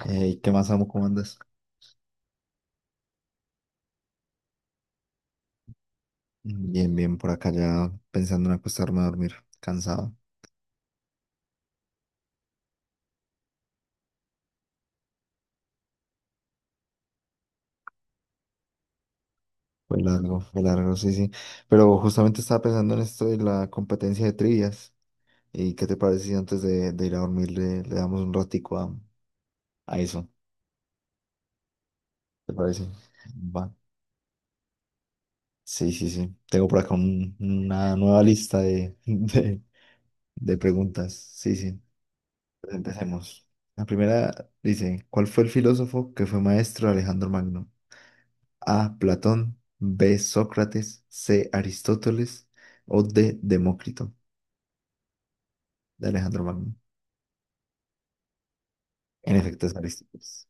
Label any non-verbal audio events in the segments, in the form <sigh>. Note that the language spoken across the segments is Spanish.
Hey, ¿qué más, amo? ¿Cómo andas? Bien, bien, por acá ya pensando en acostarme a dormir, cansado. Fue largo, sí, sí. Pero justamente estaba pensando en esto de la competencia de trivias. ¿Y qué te parece si antes de ir a dormir le damos un ratico a eso? ¿Te parece? Va. Sí, sí, sí. Tengo por acá una nueva lista de, <laughs> de preguntas. Sí, sí. Pues empecemos. La primera dice, ¿cuál fue el filósofo que fue maestro de Alejandro Magno? A. Platón, B. Sócrates, C. Aristóteles o D. Demócrito de Alejandro Magno. En efecto, es Aristóteles.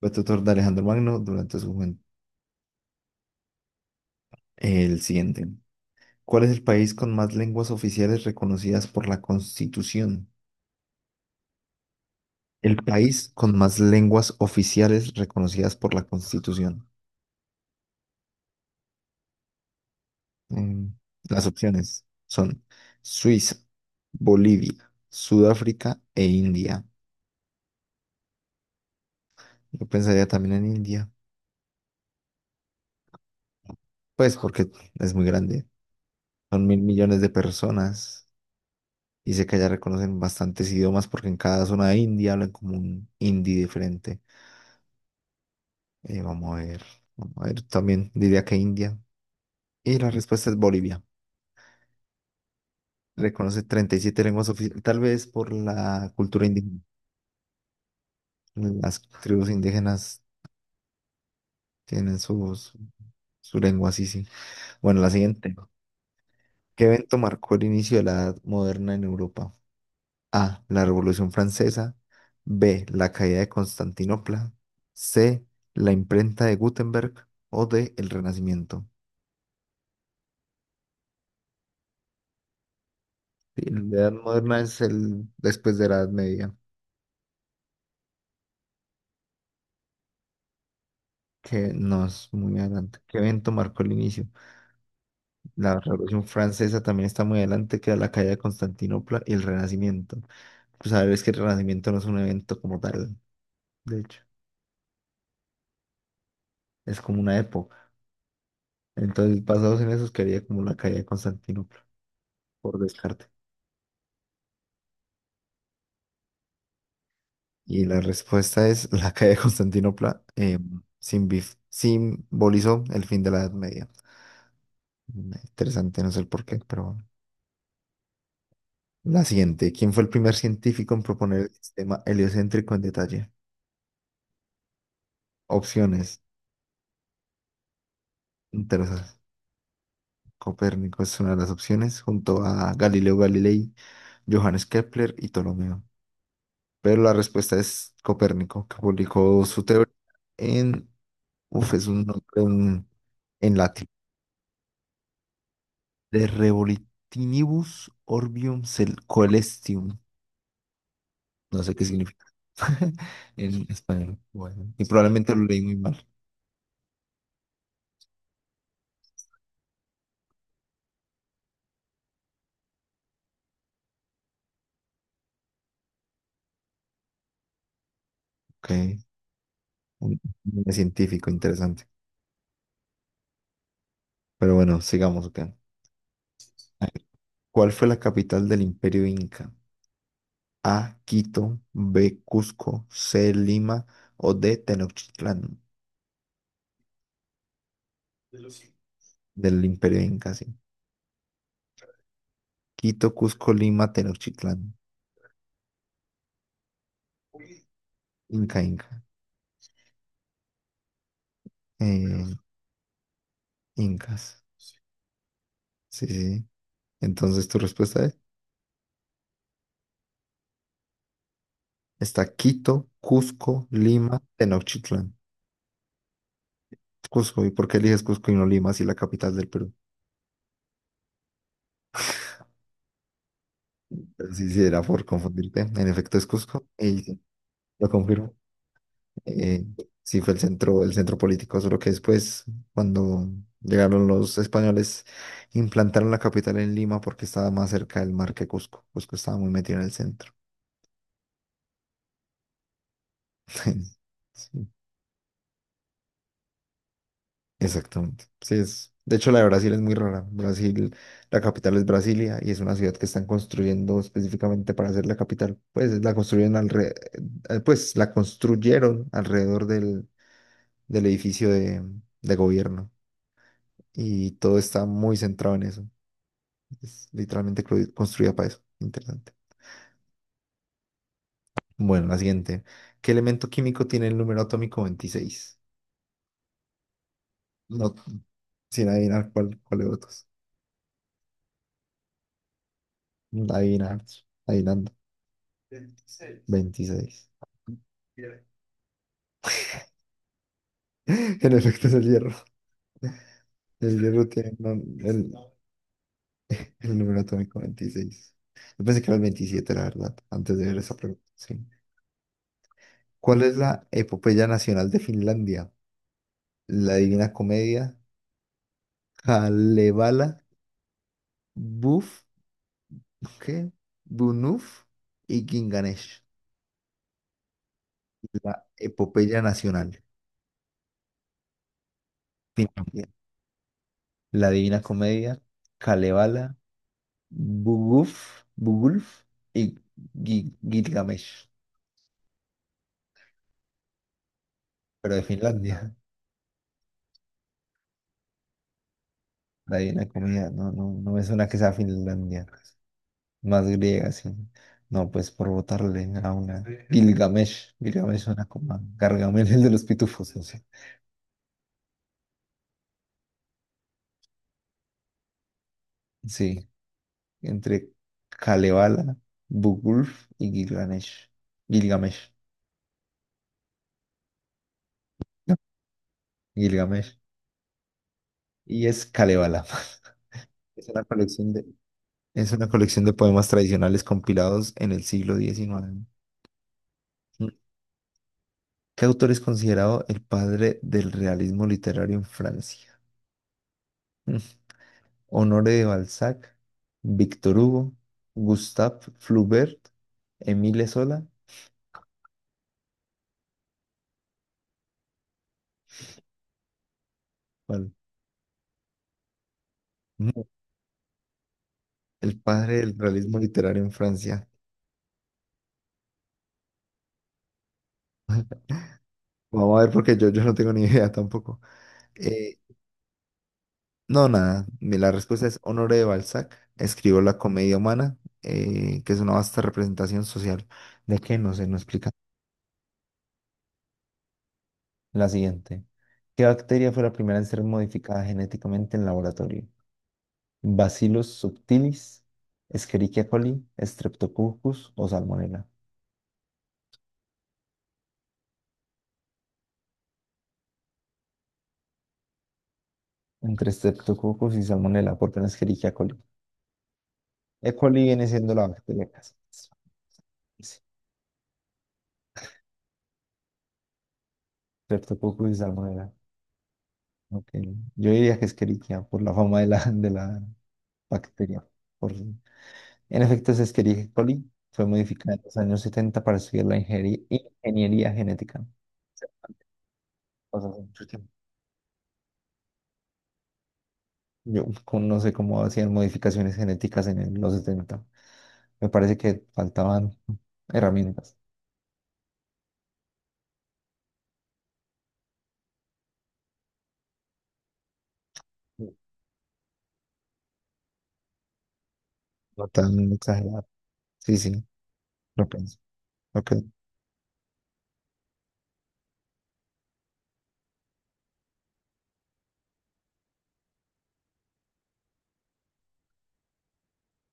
Fue tutor de Alejandro Magno durante su juventud. El siguiente. ¿Cuál es el país con más lenguas oficiales reconocidas por la Constitución? El país con más lenguas oficiales reconocidas por la Constitución. Mm, Las opciones son Suiza, Bolivia, Sudáfrica e India. Yo pensaría también en India. Pues porque es muy grande. Son mil millones de personas. Y sé que allá reconocen bastantes idiomas porque en cada zona de India hablan como un hindi diferente. Vamos a ver. Vamos a ver. También diría que India. Y la respuesta es Bolivia. Reconoce 37 lenguas oficiales. Tal vez por la cultura indígena. Las tribus indígenas tienen su lengua, sí, sí. Bueno, la siguiente. ¿Qué evento marcó el inicio de la edad moderna en Europa? A. La Revolución Francesa. B. La caída de Constantinopla. C. La imprenta de Gutenberg. O D. El Renacimiento. Sí, la Edad Moderna es el después de la Edad Media, que no es muy adelante. ¿Qué evento marcó el inicio? La Revolución Francesa también está muy adelante, que la caída de Constantinopla y el Renacimiento. Pues a ver, es que el Renacimiento no es un evento como tal, de hecho, es como una época. Entonces, basados en eso, quería como la caída de Constantinopla, por descarte. Y la respuesta es <laughs> la calle de Constantinopla, simbi- simbolizó el fin de la Edad Media. Interesante, no sé el por qué, pero bueno. La siguiente. ¿Quién fue el primer científico en proponer el sistema heliocéntrico en detalle? Opciones. Interesantes. Copérnico es una de las opciones, junto a Galileo Galilei, Johannes Kepler y Ptolomeo. Pero la respuesta es Copérnico, que publicó su teoría en... Uf, es un nombre en latín. De Revolitinibus Orbium Coelestium. No sé qué significa <laughs> en español. Bueno, y probablemente lo leí muy mal. Ok. Un un científico interesante. Pero bueno, sigamos. Ok. A ver, ¿cuál fue la capital del Imperio Inca? A. Quito. B. Cusco. C. Lima. O D. Tenochtitlán. De los- Del Imperio Inca, sí. Quito, Cusco, Lima, Tenochtitlán. Inca, Inca. Eh, incas. Sí, sí. Entonces tu respuesta es, está Quito, Cusco, Lima, Tenochtitlán. Cusco, ¿y por qué eliges Cusco y no Lima si la capital del Perú? Pero sí, sí, era por confundirte. En efecto es Cusco, y sí, lo confirmo. Eh, sí, fue el centro político, solo que después, cuando llegaron los españoles, implantaron la capital en Lima porque estaba más cerca del mar que Cusco. Cusco estaba muy metido en el centro. <laughs> Sí. Exactamente. Sí, es. De hecho, la de Brasil es muy rara. Brasil, la capital es Brasilia y es una ciudad que están construyendo específicamente para hacer la capital. Pues la construyeron alrededor del edificio de gobierno. Y todo está muy centrado en eso. Es literalmente construida para eso. Interesante. Bueno, la siguiente. ¿Qué elemento químico tiene el número atómico 26? No, sin adivinar cuál de otros. Adivinar, adivinando. Veintiséis 26. Bien. <laughs> En efecto es el hierro. El hierro tiene el número atómico 26. Yo pensé que era el 27 la verdad, antes de ver esa pregunta. Sí. ¿Cuál es la epopeya nacional de Finlandia? La Divina Comedia, Kalevala, Buf, ¿qué? Bunuf y Ginganesh. La epopeya nacional. Finlandia. La Divina Comedia, Kalevala, Bugulf y Gilgamesh, pero de Finlandia. Ahí una comida, no, no, no me suena que sea Finlandia, pues, más griega, sí. No, pues por votarle a una. Gilgamesh suena como a Gargamel, el de los pitufos, no sé. Sí, entre Kalevala, Bugulf y Gilgamesh. Gilgamesh, no, Gilgamesh. Y es Kalevala. <laughs> Es una colección de, es una colección de poemas tradicionales compilados en el siglo XIX. Mm. ¿Qué autor es considerado el padre del realismo literario en Francia? Mm. Honoré de Balzac, Víctor Hugo, Gustave Flaubert, Émile Zola. ¿Cuál? Mm, El padre del realismo literario en Francia. Vamos a ver porque yo no tengo ni <laughs> idea tampoco. Eh, no, nada. La respuesta es Honoré de Balzac. Escribió La comedia humana, que es una vasta representación social. ¿De qué? No sé, no explica. La siguiente. ¿Qué bacteria fue la primera en ser modificada genéticamente en laboratorio? ¿Bacillus subtilis, Escherichia coli, Streptococcus o Salmonella? Entre Streptococcus y Salmonella, porque no Escherichia coli. E. coli viene siendo la bacteria casa. Sí, Streptococcus y Salmonella. Ok. Yo diría que Escherichia por la fama de la bacteria. En efecto, es Escherichia coli. Fue modificada en los años 70 para estudiar la ingeniería genética. Cosas así. No sé cómo hacían modificaciones genéticas en los 70. Me parece que faltaban herramientas. No tan exagerado. Sí, sí, lo pienso. Ok,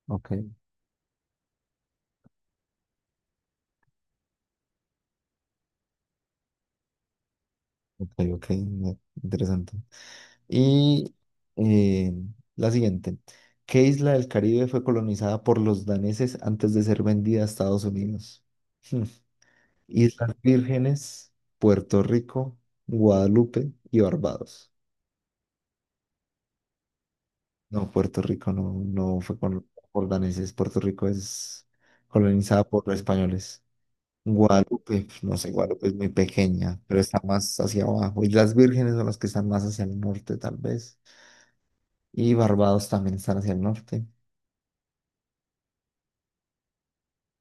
ok, ok, ok. No, interesante. Y eh, la siguiente. ¿Qué isla del Caribe fue colonizada por los daneses antes de ser vendida a Estados Unidos? Hmm, Islas Vírgenes, Puerto Rico, Guadalupe y Barbados. No, Puerto Rico no, no fue con los jordaneses. Puerto Rico es colonizada por los españoles. Guadalupe, no sé, Guadalupe es muy pequeña, pero está más hacia abajo. Islas las Vírgenes son las que están más hacia el norte, tal vez. Y Barbados también están hacia el norte.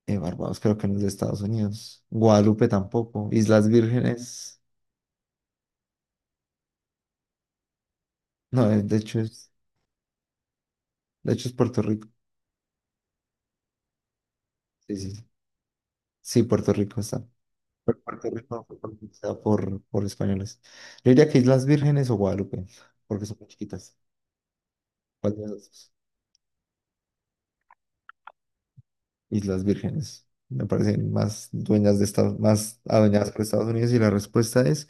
Barbados creo que no es de Estados Unidos. Guadalupe tampoco. Islas Vírgenes, no, de hecho es Puerto Rico. Sí, sí, sí, sí, Puerto Rico está. Pero Puerto Rico fue colonizada por españoles. Yo diría que Islas Vírgenes o Guadalupe, porque son muy chiquitas. ¿Cuál de las dos? Islas Vírgenes. Me parecen más dueñas de Estados, más adueñadas por Estados Unidos y la respuesta es,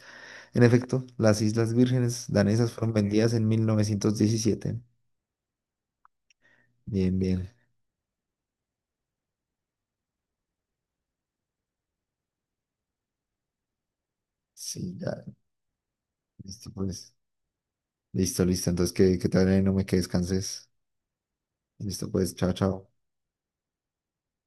en efecto, las Islas Vírgenes danesas fueron vendidas en 1917. Bien, bien. Sí, ya. Listo, pues. Listo, listo. Entonces, que te vaya bien, no me que descanses. Listo, pues. Chao, chao.